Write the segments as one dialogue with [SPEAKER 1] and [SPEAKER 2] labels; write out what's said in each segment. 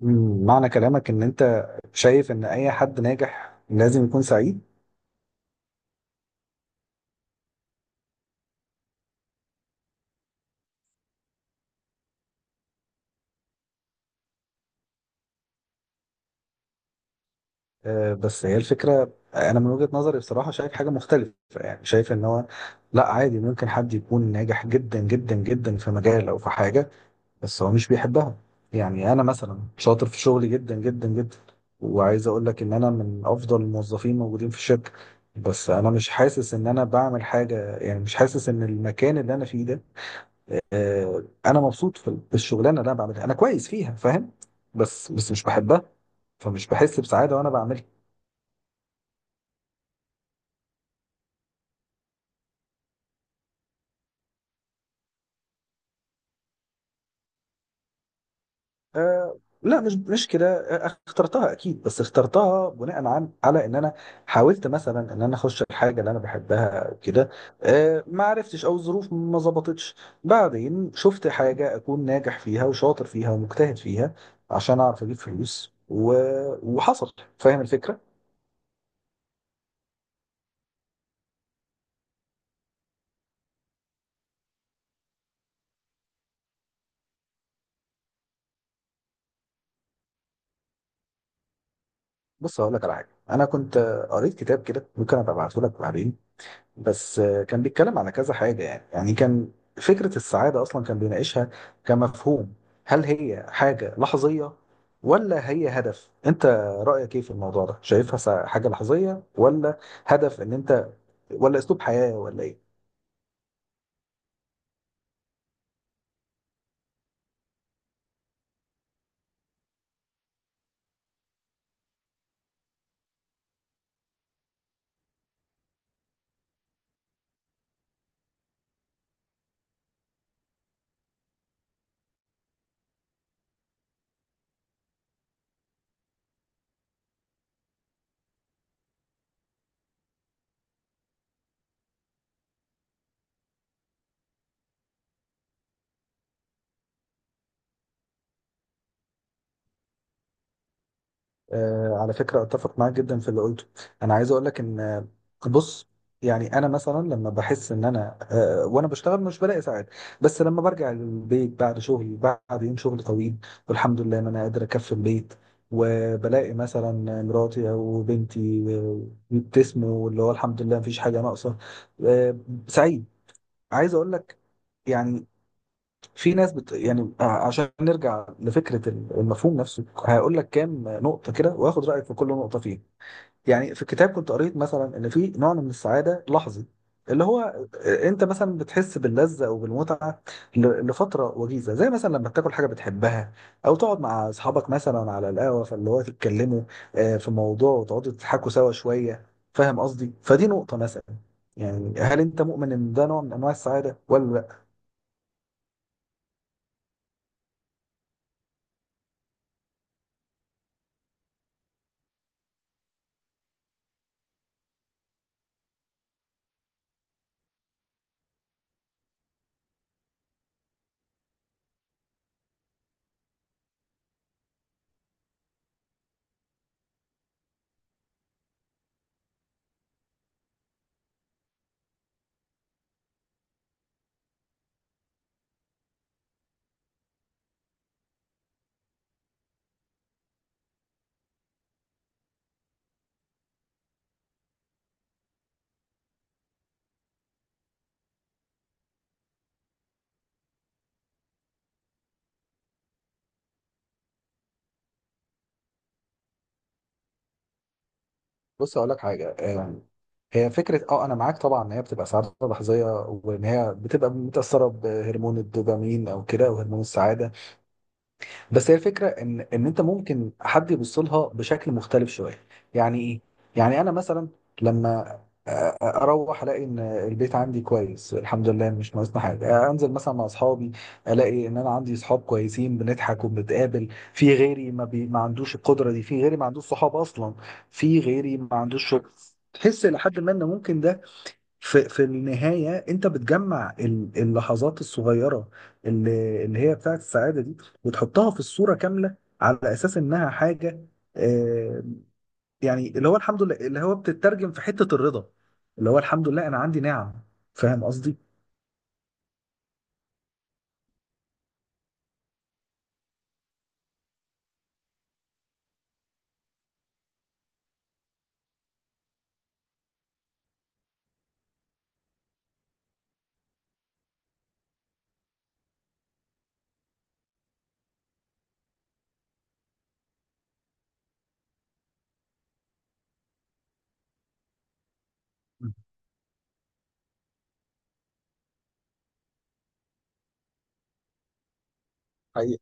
[SPEAKER 1] معنى كلامك ان انت شايف ان اي حد ناجح لازم يكون سعيد. آه، بس هي الفكرة انا من وجهة نظري بصراحة شايف حاجة مختلفة، يعني شايف ان هو لا، عادي ممكن حد يكون ناجح جدا جدا جدا في مجال او في حاجة بس هو مش بيحبها. يعني انا مثلا شاطر في شغلي جدا جدا جدا، وعايز اقول لك ان انا من افضل الموظفين موجودين في الشركة، بس انا مش حاسس ان انا بعمل حاجة، يعني مش حاسس ان المكان اللي انا فيه ده، انا مبسوط في الشغلانه اللي انا بعملها، انا كويس فيها، فاهم؟ بس مش بحبها، فمش بحس بسعاده وانا بعملها. أه لا، مش كده. آه، اخترتها اكيد، بس اخترتها بناء عن على ان انا حاولت مثلا ان انا اخش الحاجه اللي انا بحبها وكده، أه ما عرفتش او الظروف ما ظبطتش، بعدين شفت حاجه اكون ناجح فيها وشاطر فيها ومجتهد فيها عشان اعرف اجيب فلوس وحصل. فاهم الفكره؟ بص هقول لك على حاجه، انا كنت قريت كتاب كده، ممكن ابقى ابعته لك بعدين. بس كان بيتكلم على كذا حاجه، يعني كان فكره السعاده اصلا كان بيناقشها كمفهوم، هل هي حاجه لحظيه ولا هي هدف انت، رايك ايه في الموضوع ده؟ شايفها حاجه لحظيه، ولا هدف ان انت، ولا اسلوب حياه، ولا ايه؟ آه، على فكرة أتفق معاك جدا في اللي قلته. أنا عايز أقول لك إن، آه، بص، يعني أنا مثلا لما بحس إن أنا، آه، وأنا بشتغل مش بلاقي ساعات، بس لما برجع البيت بعد شغل، بعد يوم شغل طويل، والحمد لله إن أنا قادر أكفي البيت، وبلاقي مثلا مراتي أو بنتي، آه، بيبتسموا، اللي هو الحمد لله مفيش حاجة ناقصة، آه، سعيد. عايز أقول لك، يعني في ناس يعني، عشان نرجع لفكرة المفهوم نفسه، هقول لك كام نقطة كده واخد رأيك في كل نقطة فيهم. يعني في الكتاب كنت قريت مثلا ان في نوع من السعادة لحظي، اللي هو انت مثلا بتحس باللذة او بالمتعة لفترة وجيزة، زي مثلا لما تاكل حاجة بتحبها، او تقعد مع اصحابك مثلا على القهوة، فاللي هو تتكلموا، آه، في موضوع وتقعدوا تضحكوا سوا شوية. فاهم قصدي؟ فدي نقطة مثلا، يعني هل انت مؤمن ان ده نوع من انواع السعادة ولا؟ بص اقول لك حاجه، هي فكره، اه انا معاك طبعا ان هي بتبقى سعاده لحظيه وان هي بتبقى متاثره بهرمون الدوبامين او كده وهرمون السعاده، بس هي الفكره ان انت ممكن حد يبص لها بشكل مختلف شويه. يعني ايه؟ يعني انا مثلا لما أ- أ- اروح الاقي ان البيت عندي كويس الحمد لله مش ناقصنا حاجه، آه، انزل مثلا مع اصحابي الاقي ان انا عندي اصحاب كويسين بنضحك وبنتقابل، في غيري ما عندوش القدره دي، في غيري ما عندوش صحاب اصلا، في غيري ما عندوش شغل. تحس لحد ما ان ممكن ده، في النهاية أنت بتجمع اللحظات الصغيرة اللي هي بتاعت السعادة دي، وتحطها في الصورة كاملة على أساس إنها حاجة، آه، يعني اللي هو الحمد لله، اللي هو بتترجم في حتة الرضا، اللي هو الحمد لله أنا عندي نعم. فاهم قصدي؟ حقيقي.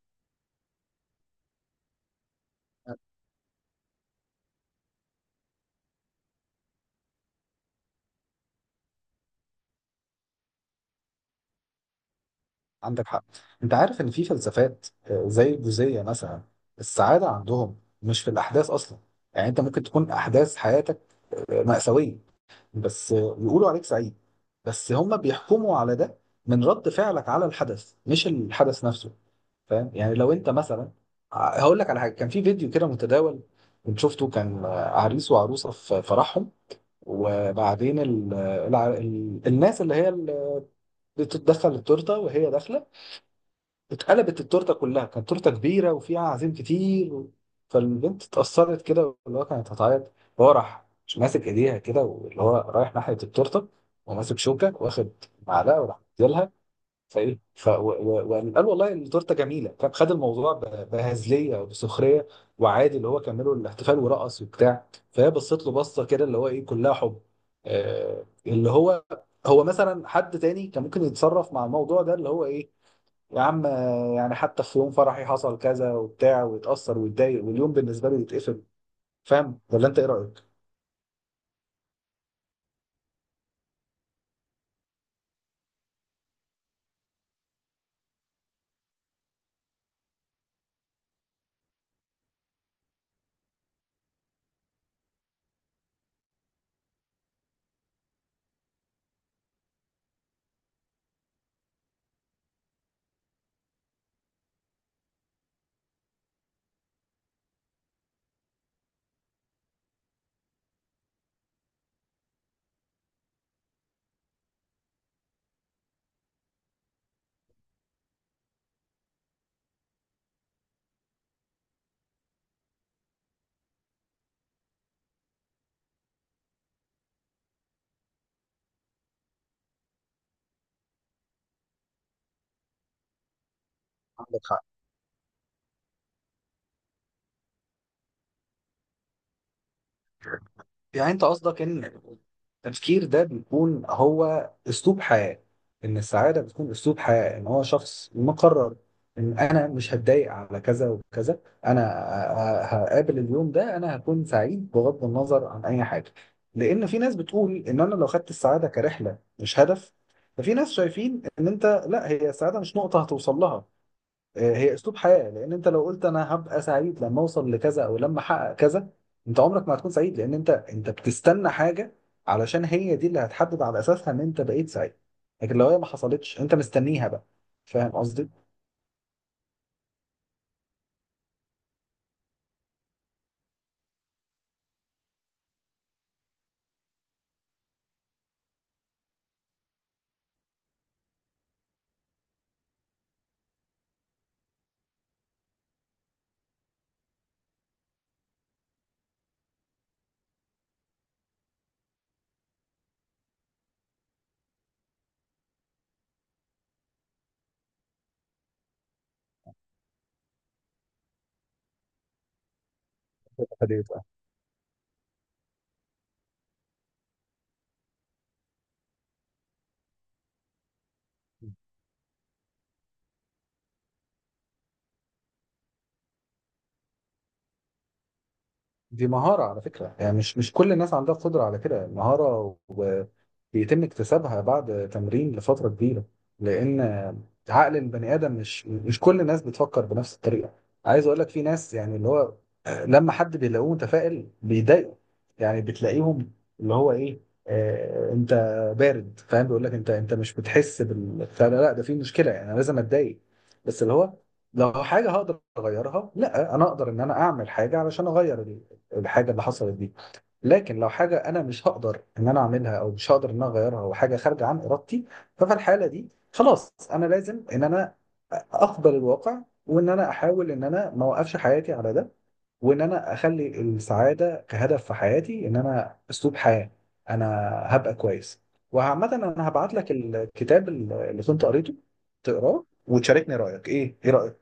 [SPEAKER 1] عندك حق. انت عارف ان في فلسفات، آه، زي الجوزية مثلا، السعادة عندهم مش في الاحداث اصلا. يعني انت ممكن تكون احداث حياتك، آه، مأساوية، بس يقولوا عليك سعيد، بس هم بيحكموا على ده من رد فعلك على الحدث، مش الحدث نفسه. فاهم؟ يعني لو انت مثلا، هقول لك على حاجه، كان في فيديو كده متداول كنت شفته، كان، آه، عريس وعروسه في فرحهم، وبعدين الناس اللي هي اللي بتتدخل التورته وهي داخله، اتقلبت التورته كلها، كانت تورته كبيره وفيها عزيم كتير فالبنت اتأثرت كده، اللي هو كانت هتعيط، هو راح مش ماسك ايديها كده، واللي هو رايح ناحيه التورته وماسك شوكه واخد معلقه وراح مديلها، فايه وقال قال والله التورته جميله، فاهم؟ خد الموضوع بهزليه وبسخريه، وعادي اللي هو كملوا الاحتفال ورقص وبتاع. فهي بصت له بصه كده، اللي هو ايه، كلها حب، اللي هو، هو مثلا حد تاني كان ممكن يتصرف مع الموضوع ده، اللي هو ايه، يا عم، آه، يعني حتى في يوم فرحي حصل كذا وبتاع، ويتأثر ويتضايق واليوم بالنسبة له يتقفل. فاهم، ولا انت ايه رأيك؟ عندك حق. يعني انت قصدك ان التفكير ده بيكون هو اسلوب حياة، ان السعادة بتكون اسلوب حياة، ان هو شخص مقرر ان انا مش هتضايق على كذا وكذا، انا هقابل اليوم ده انا هكون سعيد بغض النظر عن اي حاجة. لان في ناس بتقول ان انا لو خدت السعادة كرحلة مش هدف، ففي ناس شايفين ان انت لا، هي السعادة مش نقطة هتوصل لها، آه، هي اسلوب حياه. لان انت لو قلت انا هبقى سعيد لما اوصل لكذا او لما احقق كذا، انت عمرك ما هتكون سعيد، لان انت بتستنى حاجه علشان هي دي اللي هتحدد على اساسها ان انت بقيت سعيد، لكن لو هي ما حصلتش انت مستنيها بقى. فاهم قصدي؟ دي مهارة على فكرة، يعني مش كل الناس عندها قدرة على كده، المهارة وبيتم اكتسابها بعد تمرين لفترة كبيرة، لأن عقل البني آدم، مش كل الناس بتفكر بنفس الطريقة. عايز أقول لك في ناس، يعني اللي هو لما حد بيلاقوه متفائل بيضايقه، يعني بتلاقيهم، اللي هو إيه، آه أنت بارد، فاهم؟ بيقول لك أنت مش بتحس بال، لا، ده في مشكلة، يعني أنا لازم أتضايق. بس اللي هو لو حاجة هقدر أغيرها، لا، أنا أقدر إن أنا أعمل حاجة علشان أغير دي الحاجه اللي حصلت دي، لكن لو حاجه انا مش هقدر ان انا اعملها او مش هقدر ان انا اغيرها او حاجه خارجه عن ارادتي، ففي الحاله دي خلاص انا لازم ان انا اقبل الواقع، وان انا احاول ان انا ما اوقفش حياتي على ده، وان انا اخلي السعاده كهدف في حياتي، ان انا اسلوب حياه، انا هبقى كويس. وعامة انا هبعت لك الكتاب اللي كنت قريته تقراه وتشاركني رايك، ايه رايك؟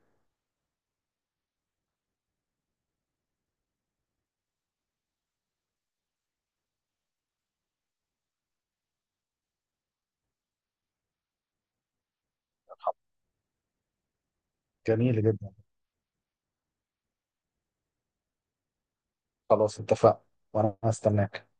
[SPEAKER 1] جميل جدا، خلاص اتفقنا، وانا هستناك.